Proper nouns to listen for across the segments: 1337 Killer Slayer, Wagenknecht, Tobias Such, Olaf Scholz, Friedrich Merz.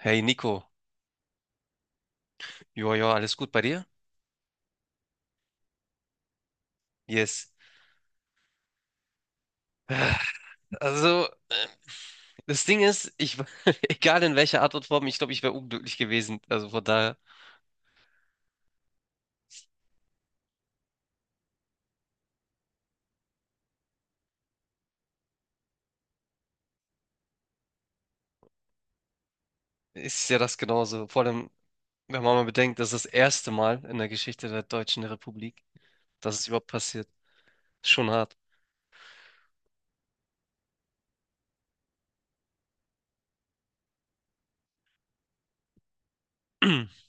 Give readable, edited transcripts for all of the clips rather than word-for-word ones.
Hey Nico, ja, alles gut bei dir? Yes. Ah, Also, äh, das Ding ist, egal in welcher Art und Form, ich glaube, ich wäre unglücklich gewesen. Also von daher ist ja das genauso. Vor allem, wenn man mal bedenkt, das ist das erste Mal in der Geschichte der Deutschen Republik, dass es überhaupt passiert. Schon hart.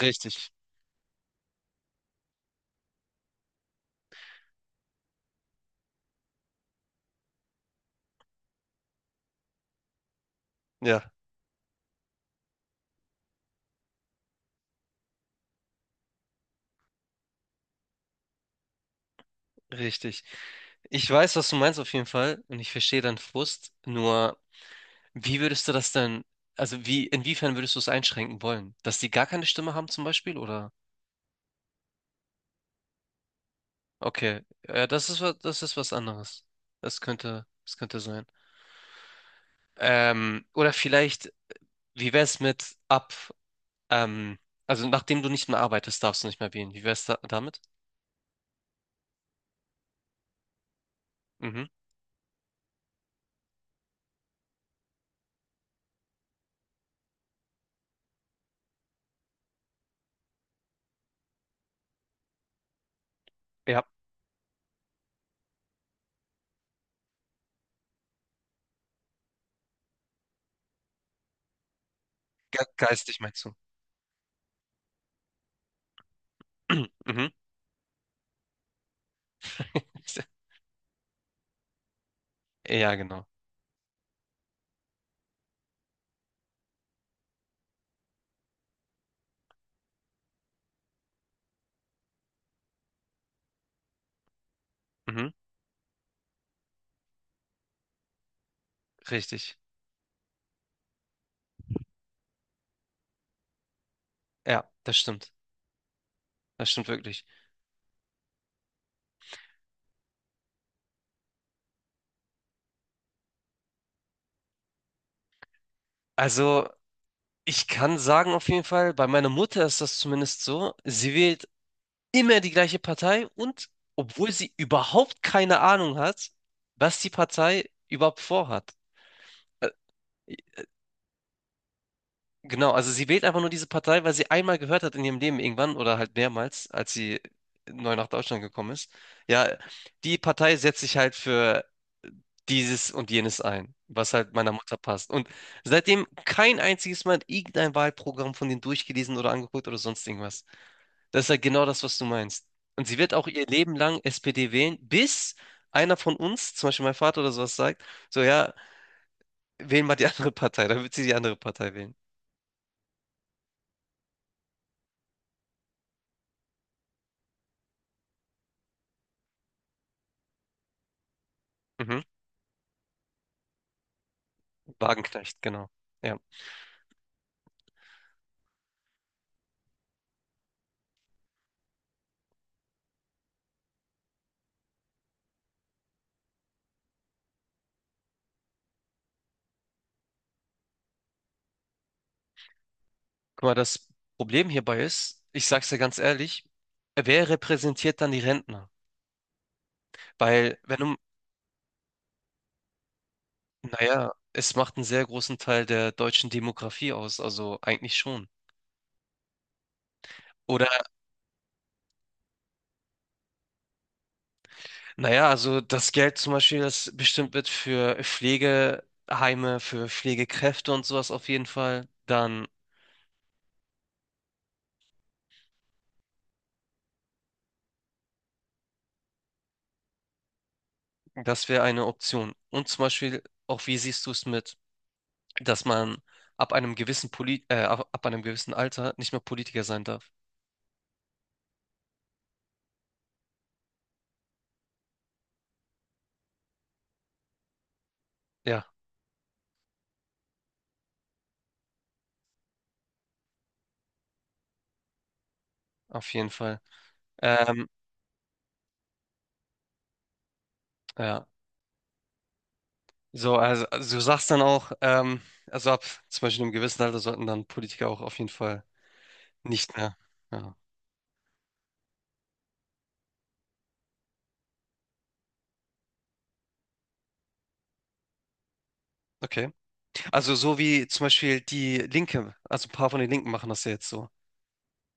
Richtig. Ja, richtig. Ich weiß, was du meinst auf jeden Fall und ich verstehe deinen Frust, nur. Wie würdest du das denn, also inwiefern würdest du es einschränken wollen? Dass die gar keine Stimme haben zum Beispiel, oder? Okay, ja, das ist was anderes. Das könnte sein. Oder vielleicht, wie wäre es mit ab, ähm, also nachdem du nicht mehr arbeitest, darfst du nicht mehr wählen. Wie wäre es da, damit? Mhm. Ja, ge geistig meinst du. Mhm. Ja, genau. Mhm. Richtig. Ja, das stimmt. Das stimmt wirklich. Also. Ich kann sagen auf jeden Fall, bei meiner Mutter ist das zumindest so. Sie wählt immer die gleiche Partei und obwohl sie überhaupt keine Ahnung hat, was die Partei überhaupt vorhat. Äh, Genau, also sie wählt einfach nur diese Partei, weil sie einmal gehört hat in ihrem Leben irgendwann oder halt mehrmals, als sie neu nach Deutschland gekommen ist. Ja, die Partei setzt sich halt für dieses und jenes ein, was halt meiner Mutter passt. Und seitdem kein einziges Mal irgendein Wahlprogramm von denen durchgelesen oder angeguckt oder sonst irgendwas. Das ist ja genau das, was du meinst. Und sie wird auch ihr Leben lang SPD wählen, bis einer von uns, zum Beispiel mein Vater oder sowas, sagt, so ja, wählen mal die andere Partei, dann wird sie die andere Partei wählen. Mhm. Wagenknecht, genau. Ja. Guck mal, das Problem hierbei ist, ich sag's dir ganz ehrlich, wer repräsentiert dann die Rentner? Weil, wenn du, naja, es macht einen sehr großen Teil der deutschen Demografie aus, also eigentlich schon. Oder naja, also das Geld zum Beispiel, das bestimmt wird für Pflegeheime, für Pflegekräfte und sowas auf jeden Fall, dann das wäre eine Option. Und zum Beispiel auch, wie siehst du es mit, dass man ab einem gewissen Alter nicht mehr Politiker sein darf? Ja, auf jeden Fall. Ähm, ja, also du sagst dann auch, also ab zum Beispiel einem gewissen Alter sollten dann Politiker auch auf jeden Fall nicht mehr. Ja, okay. Also so wie zum Beispiel die Linke, also ein paar von den Linken machen das ja jetzt so,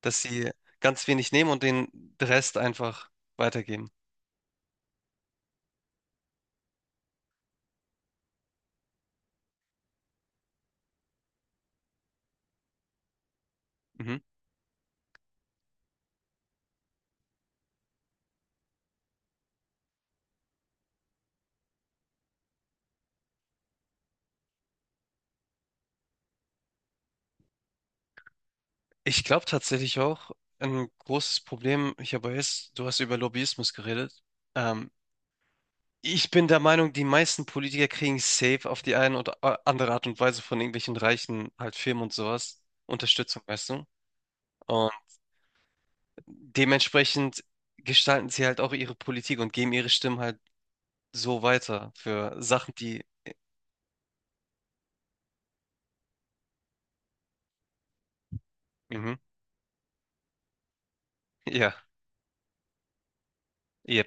dass sie ganz wenig nehmen und den Rest einfach weitergeben. Mhm. Ich glaube tatsächlich auch, ein großes Problem, ich habe jetzt, du hast über Lobbyismus geredet. Ähm, ich bin der Meinung, die meisten Politiker kriegen safe auf die eine oder andere Art und Weise von irgendwelchen reichen halt Firmen und sowas Unterstützung, weißt du? Und dementsprechend gestalten sie halt auch ihre Politik und geben ihre Stimmen halt so weiter für Sachen, die mhm. Ja, ja.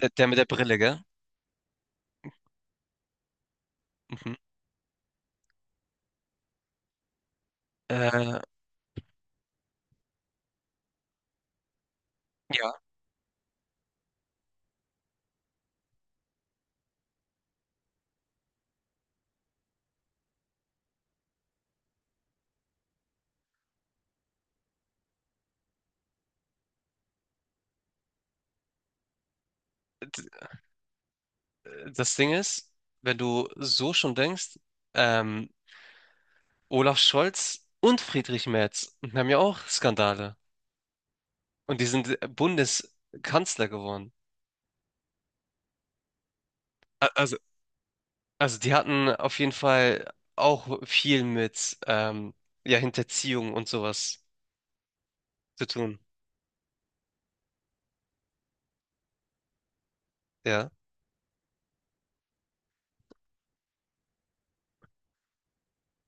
Der, der mit der Brille, gell? Mhm. Äh, ja, d- das Ding ist, wenn du so schon denkst, ähm, Olaf Scholz und Friedrich Merz haben ja auch Skandale. Und die sind Bundeskanzler geworden. A- Also, also die hatten auf jeden Fall auch viel mit ja, Hinterziehung und sowas zu tun. Ja,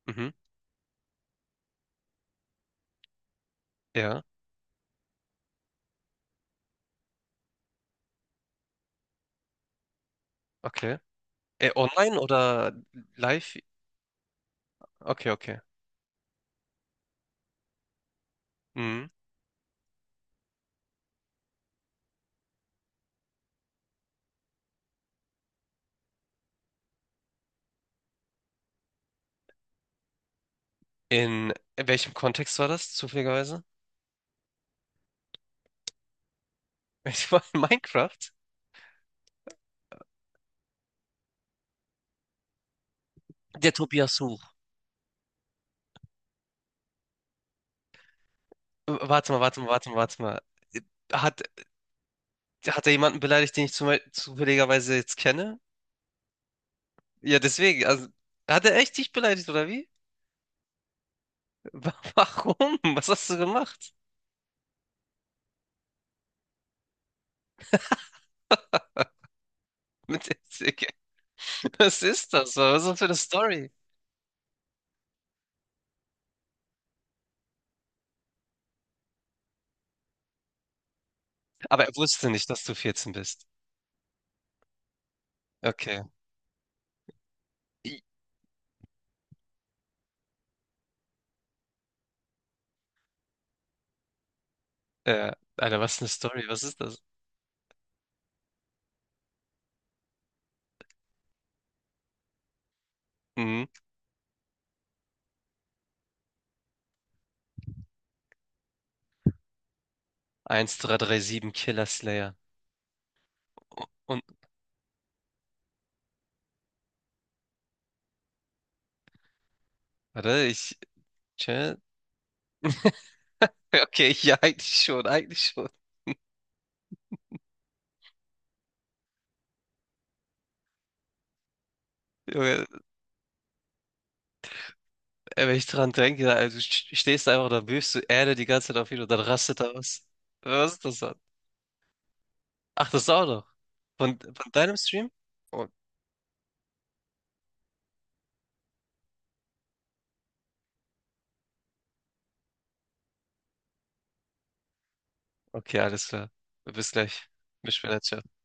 mhm. Ja, okay. Online oder live? Okay, okay. Mhm. In welchem Kontext war das, zufälligerweise? Ich war in Minecraft. Der Tobias Such. Warte mal, warte mal, warte mal, warte mal. Äh, Hat, hat er jemanden beleidigt, den ich zufälligerweise jetzt kenne? Ja, deswegen. Also, hat er echt dich beleidigt, oder wie? Warum? Was hast du gemacht? Mit der Zicke? Was ist das? Was ist das für eine Story? Aber er wusste nicht, dass du 14 bist. Okay. I- Äh, Alter, was eine Story? Was ist das? Mhm. 1337 Killer Slayer. Und, warte, ich. Chat. Okay, ja, eigentlich schon, eigentlich schon. Junge, ey, wenn ich dran denke, also du stehst einfach da, wirfst du Erde die ganze Zeit auf ihn und dann rastet er was. Was ist das dann? Ach, das auch noch. Von deinem Stream? Oh, okay, alles klar. Bis gleich. Bis später. Ciao.